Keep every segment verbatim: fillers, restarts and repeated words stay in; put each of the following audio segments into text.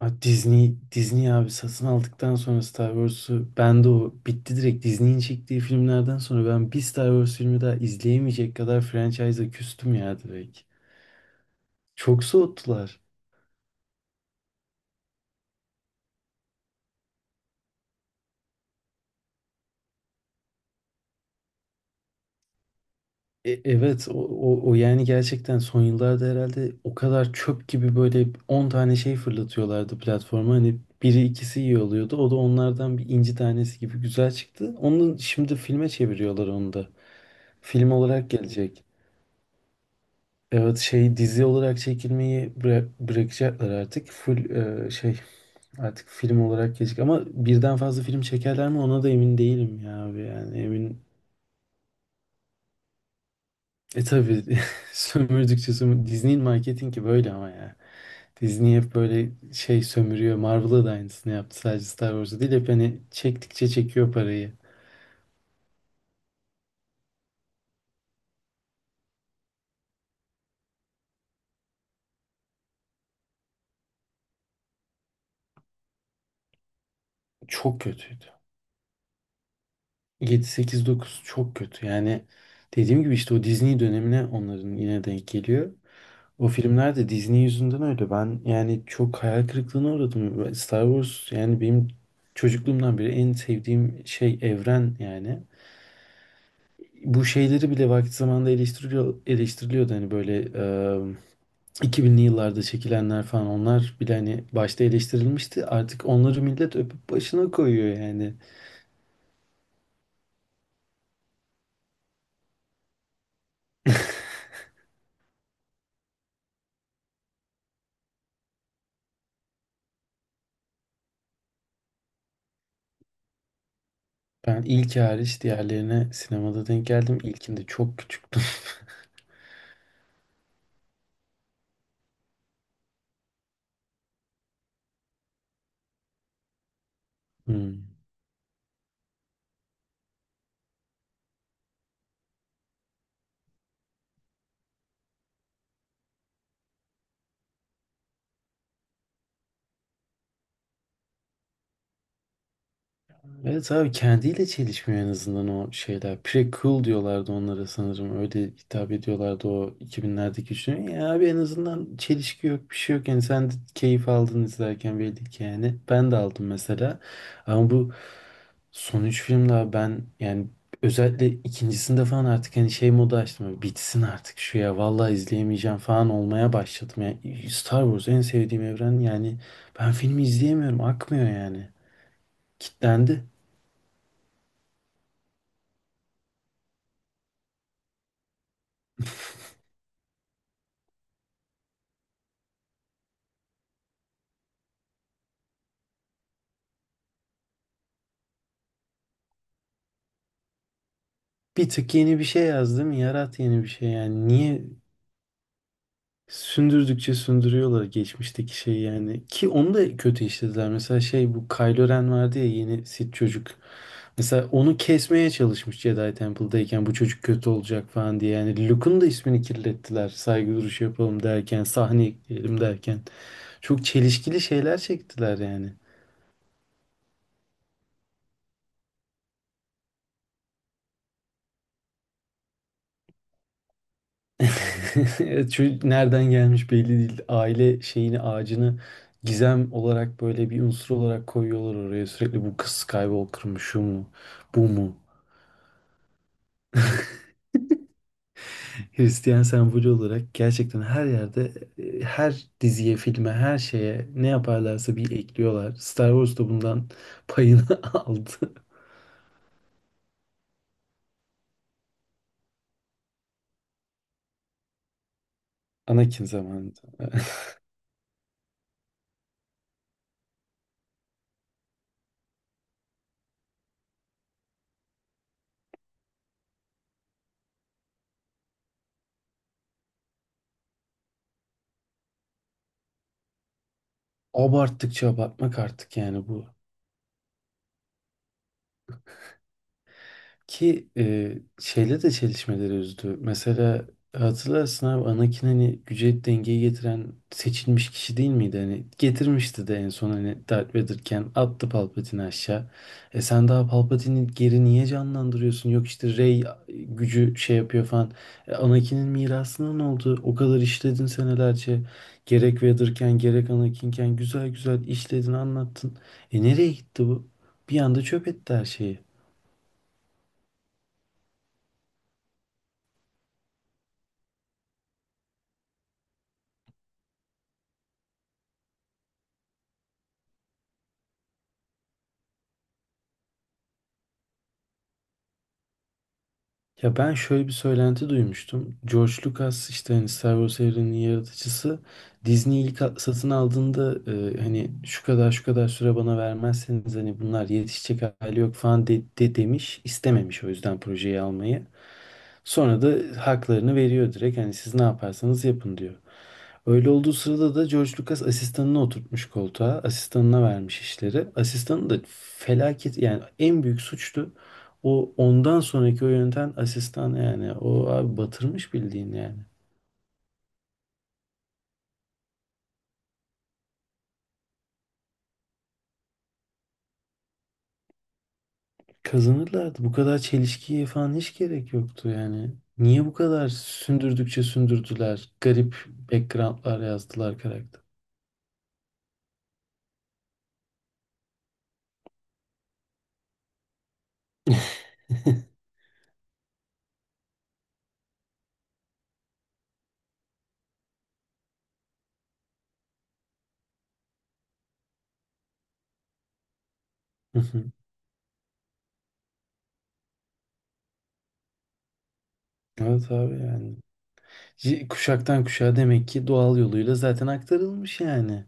Ha, Disney Disney abi satın aldıktan sonra Star Wars'u ben de o bitti direkt Disney'in çektiği filmlerden sonra ben bir Star Wars filmi daha izleyemeyecek kadar franchise'a küstüm ya direkt. Çok soğuttular. E, evet o, o, o yani gerçekten son yıllarda herhalde o kadar çöp gibi böyle on tane şey fırlatıyorlardı platforma. Hani biri ikisi iyi oluyordu. O da onlardan bir inci tanesi gibi güzel çıktı. Onu şimdi filme çeviriyorlar onu da. Film olarak gelecek. Evet şey dizi olarak çekilmeyi bıra- bırakacaklar artık. Full e, şey artık film olarak gelecek ama birden fazla film çekerler mi ona da emin değilim ya abi yani emin. E tabii, sömürdükçe sömür Disney'in marketingi böyle ama ya. Disney hep böyle şey sömürüyor. Marvel'a da aynısını yaptı, sadece Star Wars'a değil, hep hani çektikçe çekiyor parayı. Çok kötüydü. yedi sekiz dokuz çok kötü. Yani dediğim gibi işte o Disney dönemine onların yine denk geliyor. O filmler de Disney yüzünden öyle. Ben yani çok hayal kırıklığına uğradım. Star Wars yani benim çocukluğumdan beri en sevdiğim şey evren yani. Bu şeyleri bile vakti zamanında eleştiriliyor, eleştiriliyordu. Hani böyle e, iki binli yıllarda çekilenler falan onlar bile hani başta eleştirilmişti. Artık onları millet öpüp başına koyuyor yani. Ben ilk hariç diğerlerine sinemada denk geldim. İlkinde çok küçüktüm. Hmm. Evet abi kendiyle çelişmiyor en azından o şeyler. Pre-cool diyorlardı onlara sanırım. Öyle hitap ediyorlardı o iki binlerdeki üçlü. Ya abi en azından çelişki yok, bir şey yok. Yani sen de keyif aldın izlerken belli ki yani. Ben de aldım mesela. Ama bu son üç filmde abi ben yani özellikle ikincisinde falan artık hani şey modu açtım. Böyle bitsin artık şu ya, vallahi izleyemeyeceğim falan olmaya başladım. Yani Star Wars en sevdiğim evren yani ben filmi izleyemiyorum, akmıyor yani. Kitlendi. Bir tık yeni bir şey yazdım. Yarat yeni bir şey yani. Niye sündürdükçe sündürüyorlar geçmişteki şeyi yani. Ki onu da kötü işlediler. Mesela şey bu Kylo Ren vardı ya, yeni Sith çocuk. Mesela onu kesmeye çalışmış Jedi Temple'dayken, bu çocuk kötü olacak falan diye. Yani Luke'un da ismini kirlettiler. Saygı duruşu yapalım derken, sahne ekleyelim derken. Çok çelişkili şeyler çektiler yani. Evet, çocuk nereden gelmiş belli değil. Aile şeyini, ağacını gizem olarak böyle bir unsur olarak koyuyorlar oraya. Sürekli bu kız Skywalker mı, şu mu, bu mu? Hristiyan sembolü olarak gerçekten her yerde, e, her diziye, filme, her şeye ne yaparlarsa bir ekliyorlar. Star Wars da bundan payını aldı. Anakin zamanında. Abarttıkça abartmak artık yani bu. Ki e, şeyle de çelişmeleri üzdü. Mesela hatırlarsın abi, Anakin hani güce dengeyi getiren seçilmiş kişi değil miydi? Hani getirmişti de en son, hani Darth Vader'ken attı Palpatine'i aşağı. E sen daha Palpatine'i geri niye canlandırıyorsun? Yok işte Rey gücü şey yapıyor falan. E, Anakin'in mirasına ne oldu? O kadar işledin senelerce. Gerek Vader'ken gerek Anakin'ken güzel güzel işledin, anlattın. E nereye gitti bu? Bir anda çöp etti her şeyi. Ya ben şöyle bir söylenti duymuştum. George Lucas, işte hani Star Wars evreninin yaratıcısı, Disney ilk a- satın aldığında e, hani şu kadar şu kadar süre bana vermezseniz hani bunlar yetişecek hali yok falan de, de demiş, istememiş o yüzden projeyi almayı. Sonra da haklarını veriyor direkt, hani siz ne yaparsanız yapın diyor. Öyle olduğu sırada da George Lucas asistanını oturtmuş koltuğa. Asistanına vermiş işleri. Asistanı da felaket yani, en büyük suçtu. O ondan sonraki o yöneten asistan yani. O abi batırmış bildiğin yani. Kazanırlardı. Bu kadar çelişkiye falan hiç gerek yoktu yani. Niye bu kadar sündürdükçe sündürdüler? Garip backgroundlar yazdılar karakter. Hı hı. Evet abi yani. C- Kuşaktan kuşağa demek ki doğal yoluyla zaten aktarılmış yani.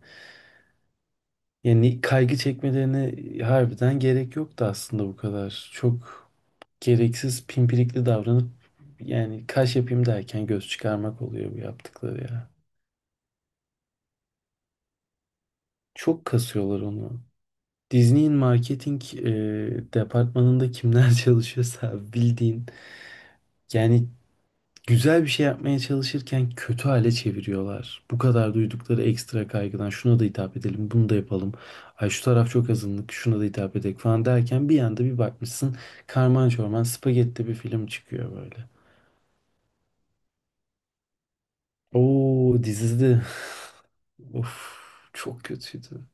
Yani kaygı çekmelerine harbiden gerek yoktu aslında bu kadar. Çok gereksiz pimpirikli davranıp yani kaş yapayım derken göz çıkarmak oluyor bu yaptıkları ya. Çok kasıyorlar onu. Disney'in marketing e, departmanında kimler çalışıyorsa bildiğin yani güzel bir şey yapmaya çalışırken kötü hale çeviriyorlar. Bu kadar duydukları ekstra kaygıdan şuna da hitap edelim, bunu da yapalım. Ay şu taraf çok azınlık, şuna da hitap edelim falan derken bir anda bir bakmışsın karman çorman spagetti bir film çıkıyor böyle. Oo dizizdi. Of, çok kötüydü.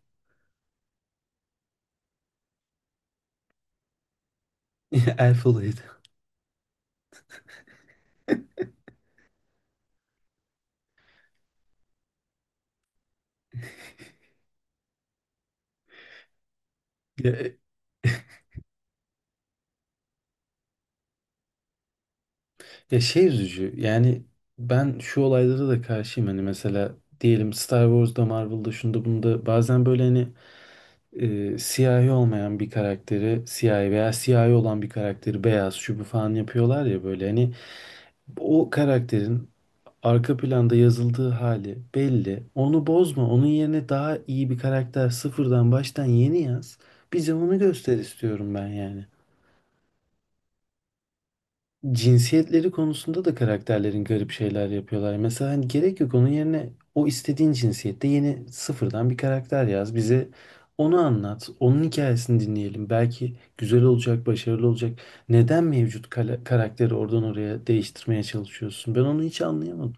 Elf olaydı. Ya, ya şey üzücü yani, ben şu olaylara da karşıyım hani, mesela diyelim Star Wars'da, Marvel'da, şunda bunda bazen böyle hani e, siyahi olmayan bir karakteri siyahi, veya siyahi olan bir karakteri beyaz şu bu falan yapıyorlar ya, böyle hani o karakterin arka planda yazıldığı hali belli. Onu bozma. Onun yerine daha iyi bir karakter sıfırdan, baştan yeni yaz. Bize onu göster istiyorum ben yani. Cinsiyetleri konusunda da karakterlerin garip şeyler yapıyorlar. Mesela hani gerek yok, onun yerine o istediğin cinsiyette yeni, sıfırdan bir karakter yaz. Bize onu anlat. Onun hikayesini dinleyelim. Belki güzel olacak, başarılı olacak. Neden mevcut kale- karakteri oradan oraya değiştirmeye çalışıyorsun? Ben onu hiç anlayamadım.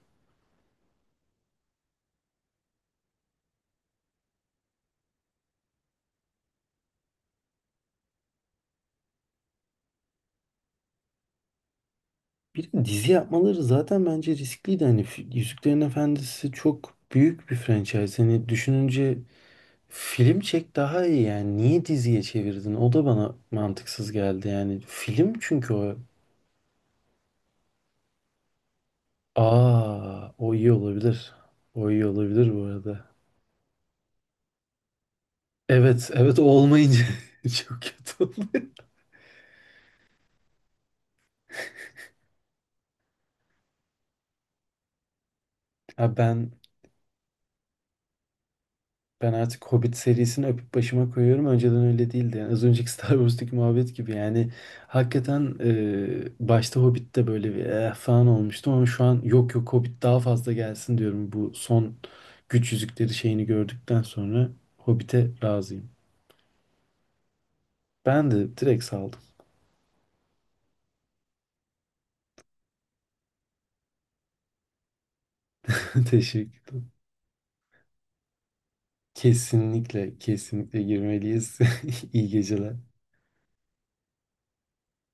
Bir de dizi yapmaları zaten bence riskliydi. Hani F- Yüzüklerin Efendisi çok büyük bir franchise. Hani düşününce film çek daha iyi yani. Niye diziye çevirdin? O da bana mantıksız geldi yani. Film çünkü o. Aa, o iyi olabilir. O iyi olabilir bu arada. Evet, evet o olmayınca çok kötü oluyor. Ha ben Ben artık Hobbit serisini öpüp başıma koyuyorum. Önceden öyle değildi. Yani az önceki Star Wars'taki muhabbet gibi. Yani hakikaten e, başta Hobbit'te böyle bir eh falan olmuştu ama şu an yok, yok Hobbit daha fazla gelsin diyorum. Bu son güç yüzükleri şeyini gördükten sonra Hobbit'e razıyım. Ben de direkt saldım. Teşekkür ederim. Kesinlikle, kesinlikle girmeliyiz. İyi geceler.